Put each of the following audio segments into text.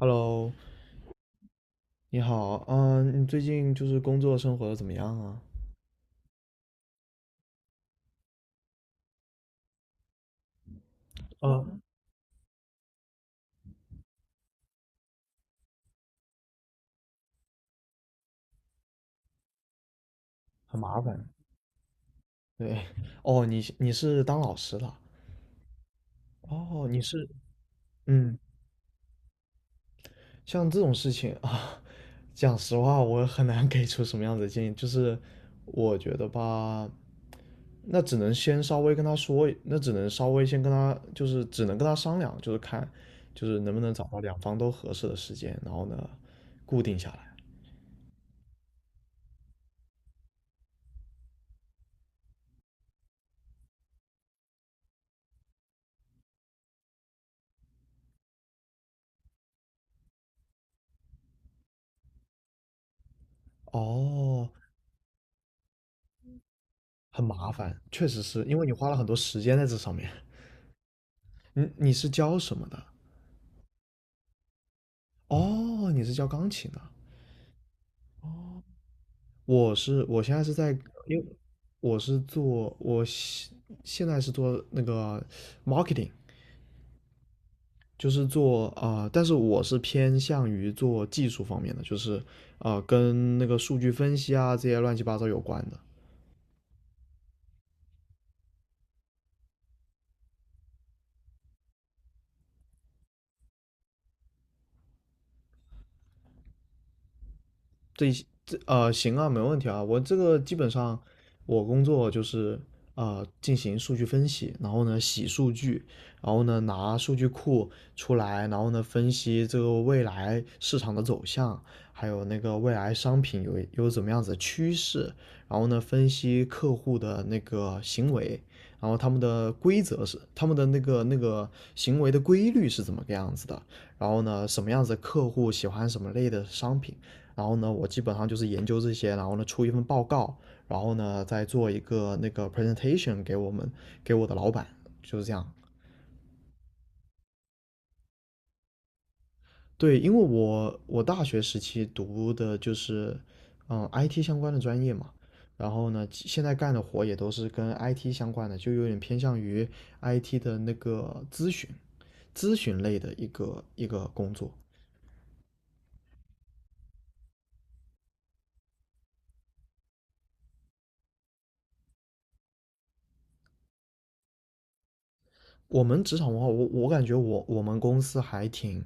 Hello，你好，你最近就是工作生活的怎么样啊？嗯，很麻烦。对，哦，你是当老师的？哦，你是，嗯，像这种事情啊，讲实话，我很难给出什么样子的建议。就是我觉得吧，那只能先稍微跟他说，那只能稍微先跟他，就是只能跟他商量，就是看，就是能不能找到两方都合适的时间，然后呢，固定下来。哦，很麻烦，确实是因为你花了很多时间在这上面。你是教什么的？哦，你是教钢琴的。哦，我现在是在，因为我是做我现现在是做那个 marketing，就是做但是我是偏向于做技术方面的，就是跟那个数据分析啊这些乱七八糟有关的。这这行啊，没问题啊。我这个基本上我工作就是进行数据分析，然后呢洗数据，然后呢拿数据库出来，然后呢分析这个未来市场的走向，还有那个未来商品有怎么样子的趋势，然后呢分析客户的那个行为。然后他们的规则是他们的那个行为的规律是怎么个样子的，然后呢，什么样子的客户喜欢什么类的商品，然后呢，我基本上就是研究这些，然后呢出一份报告，然后呢再做一个那个 presentation 给我的老板，就是这样。对，因为我大学时期读的就是IT 相关的专业嘛，然后呢现在干的活也都是跟 IT 相关的，就有点偏向于 IT 的那个咨询类的一个工作。我们职场文化，我感觉我们公司还挺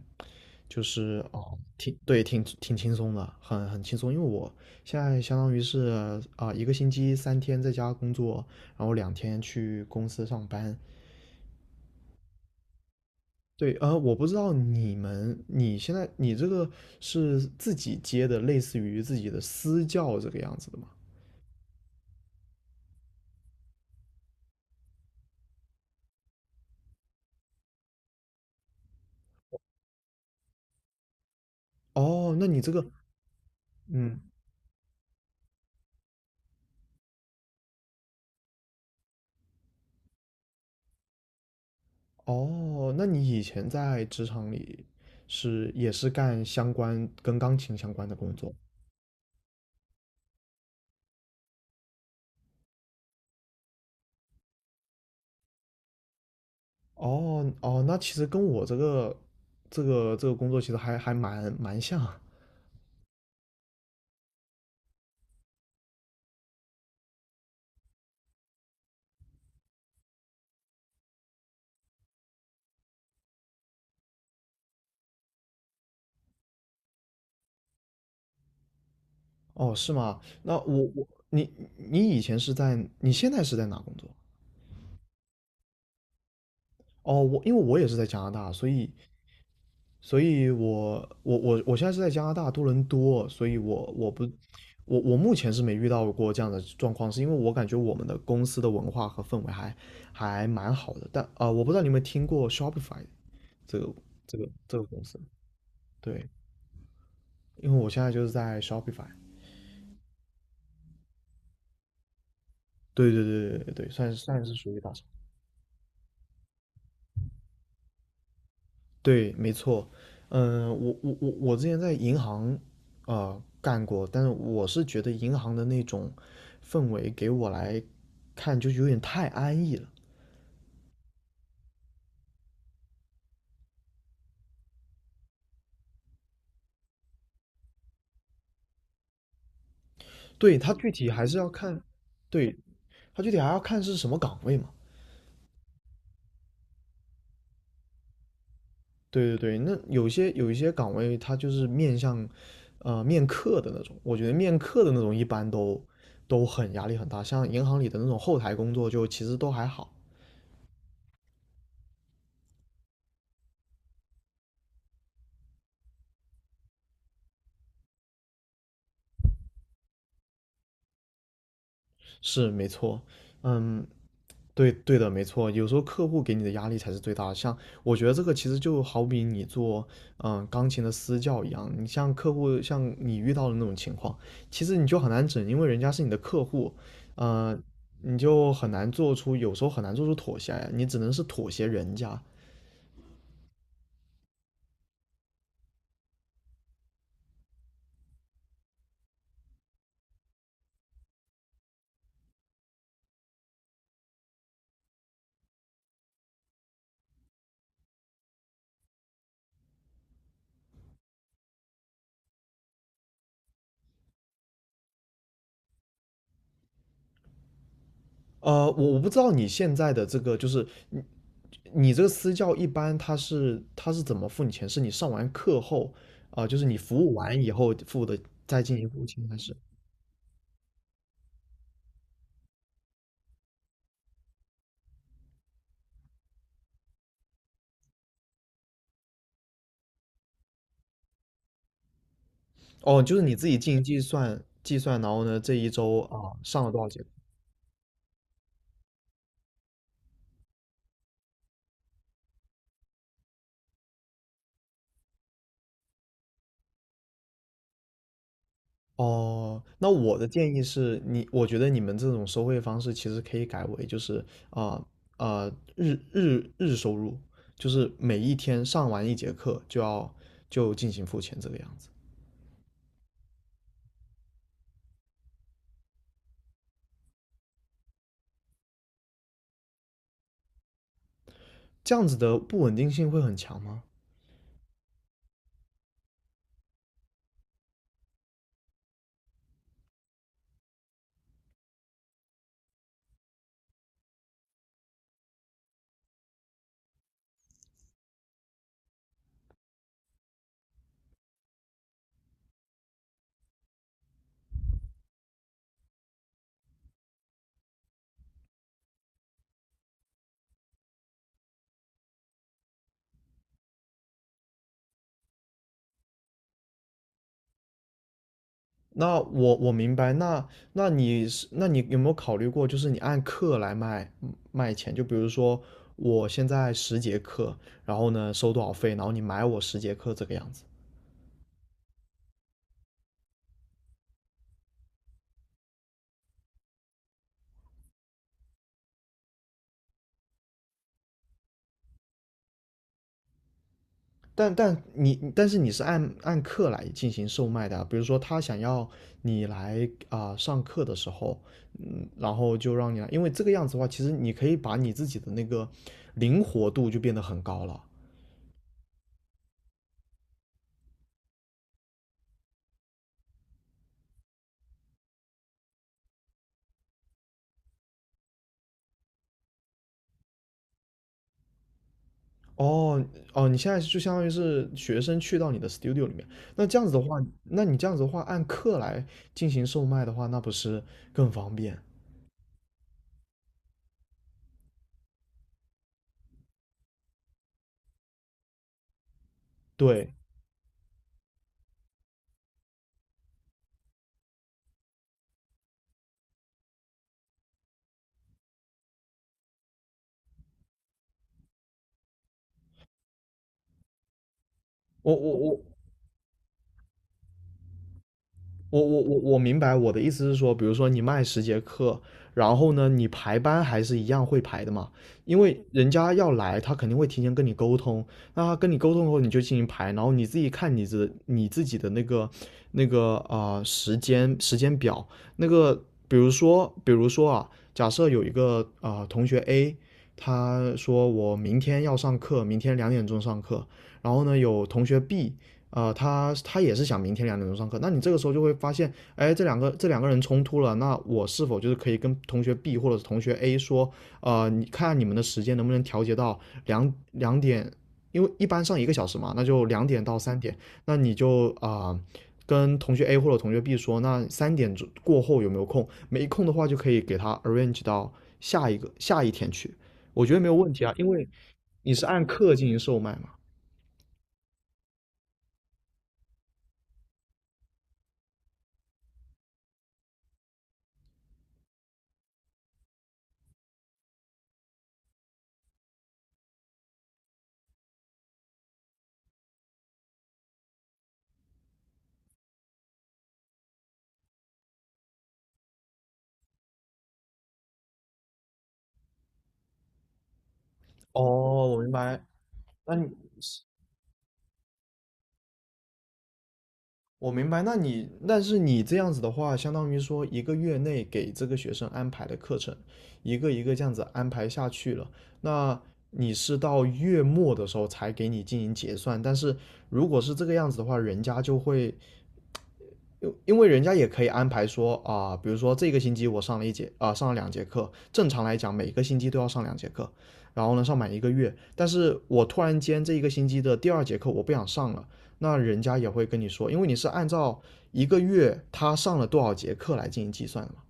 就是哦，挺对，挺轻松的，很轻松。因为我现在相当于是一个星期三天在家工作，然后两天去公司上班。对，我不知道你们，你现在你这个是自己接的，类似于自己的私教这个样子的吗？哦，那你这个，嗯，哦，那你以前在职场里是也是干相关跟钢琴相关的工作？哦哦，那其实跟我这个工作其实还蛮像。哦，是吗？那我你现在是在哪工作？哦，我因为我也是在加拿大，所以我现在是在加拿大多伦多，所以我我不我我目前是没遇到过这样的状况，是因为我感觉我们的公司的文化和氛围还蛮好的。但我不知道你有没有听过 Shopify 这个这个公司？对。因为我现在就是在 Shopify，对对对对对对，算是属于大厂。对，没错，我之前在银行干过，但是我是觉得银行的那种氛围给我来看就有点太安逸了。对，它具体还是要看，对，它具体还要看是什么岗位嘛。对对对，那有一些岗位，它就是面向，面客的那种。我觉得面客的那种一般都很压力很大，像银行里的那种后台工作，就其实都还好。是没错，嗯，对对的，没错。有时候客户给你的压力才是最大的。像我觉得这个其实就好比你做钢琴的私教一样，你像客户像你遇到的那种情况，其实你就很难整，因为人家是你的客户，呃，你就很难做出有时候很难做出妥协来，你只能是妥协人家。我不知道你现在的这个就是你你这个私教一般他是怎么付你钱？是你上完课后就是你服务完以后付的再进一步钱还是？哦，就是你自己进行计算计算，然后呢，这一周啊上了多少节课哦，那我的建议是你，我觉得你们这种收费方式其实可以改为就是啊啊、日收入，就是每一天上完一节课就进行付钱这个样子，这样子的不稳定性会很强吗？那我明白，那那你是那你有没有考虑过，就是你按课来卖钱？就比如说我现在十节课，然后呢收多少费，然后你买我十节课这个样子。但是你是按课来进行售卖的啊比如说他想要你来上课的时候，然后就让你来，因为这个样子的话，其实你可以把你自己的那个灵活度就变得很高了。哦哦，你现在就相当于是学生去到你的 studio 里面，那这样子的话，那你这样子的话，按课来进行售卖的话，那不是更方便？对，我我我我明白我的意思是说，比如说你卖十节课，然后呢，你排班还是一样会排的嘛，因为人家要来，他肯定会提前跟你沟通，那他跟你沟通后你就进行排，然后你自己看你自己的那个时间表，那个比如说啊，假设有一个同学 A，他说我明天要上课，明天两点钟上课，然后呢有同学 B。他也是想明天两点钟上课，那你这个时候就会发现，哎，这两个人冲突了，那我是否就是可以跟同学 B 或者是同学 A 说，你看你们的时间能不能调节到两点，因为一般上一个小时嘛，那就两点到三点，那你就跟同学 A 或者同学 B 说，那三点之过后有没有空？没空的话就可以给他 arrange 到下一天去，我觉得没有问题啊，因为你是按课进行售卖嘛。哦，我明白。那你我明白，那你，但是你这样子的话，相当于说一个月内给这个学生安排的课程，一个一个这样子安排下去了，那你是到月末的时候才给你进行结算，但是如果是这个样子的话，人家就会因为人家也可以安排说比如说这个星期我上了一节上了两节课，正常来讲每个星期都要上两节课，然后呢上满一个月。但是我突然间这一个星期的第二节课我不想上了，那人家也会跟你说，因为你是按照一个月他上了多少节课来进行计算的嘛。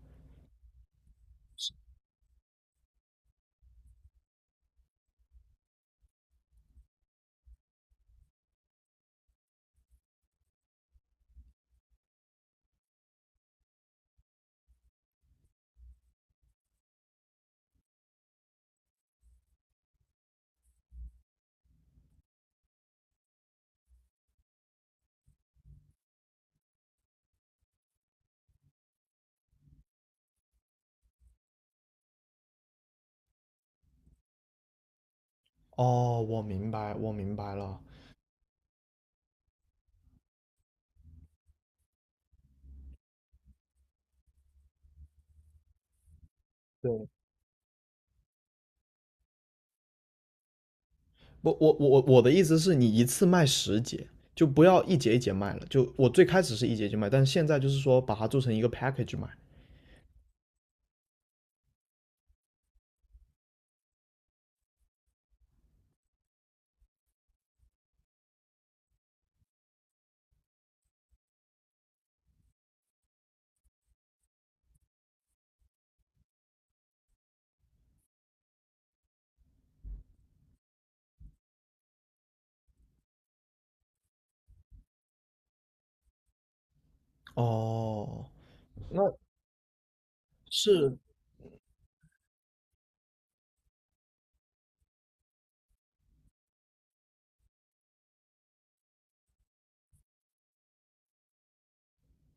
哦，我明白，我明白了。对，不我的意思是你一次卖十节，就不要一节一节卖了。就我最开始是一节一节卖，但是现在就是说把它做成一个 package 卖。哦，那是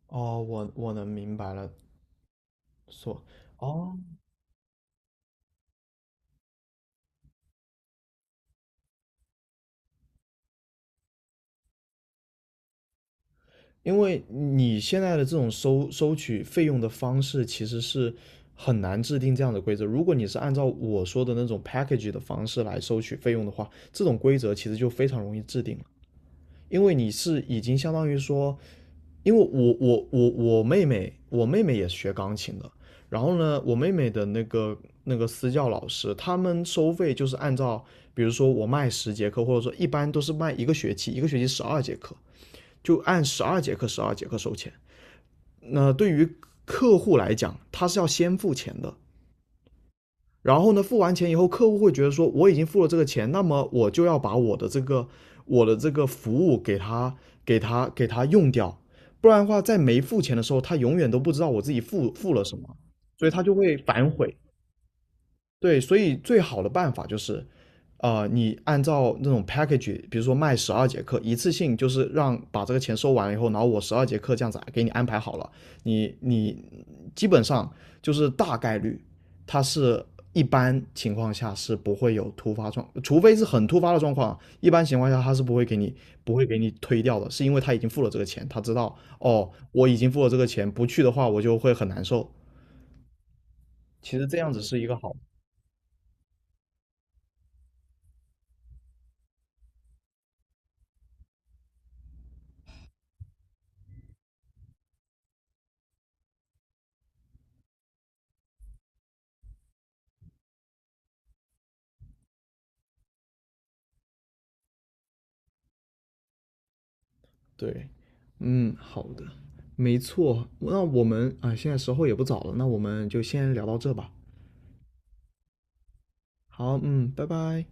哦，我能明白了，所哦，因为你现在的这种收取费用的方式其实是很难制定这样的规则。如果你是按照我说的那种 package 的方式来收取费用的话，这种规则其实就非常容易制定了，因为你是已经相当于说因为我妹妹，我妹妹也是学钢琴的。然后呢，我妹妹的那个私教老师，他们收费就是按照，比如说我卖十节课，或者说一般都是卖一个学期，一个学期十二节课，就按十二节课收钱。那对于客户来讲，他是要先付钱的，然后呢，付完钱以后，客户会觉得说我已经付了这个钱，那么我就要把我的这个服务给他用掉，不然的话，在没付钱的时候，他永远都不知道我自己付了什么，所以他就会反悔。对，所以最好的办法就是，你按照那种 package，比如说卖十二节课，一次性就是让把这个钱收完了以后，然后我十二节课这样子给你安排好了，你基本上就是大概率，它是一般情况下是不会有突发状，除非是很突发的状况，一般情况下他是不会给你推掉的，是因为他已经付了这个钱，他知道哦，我已经付了这个钱，不去的话我就会很难受。其实这样子是一个好。对，嗯，好的，没错。那我们啊，现在时候也不早了，那我们就先聊到这吧。好，嗯，拜拜。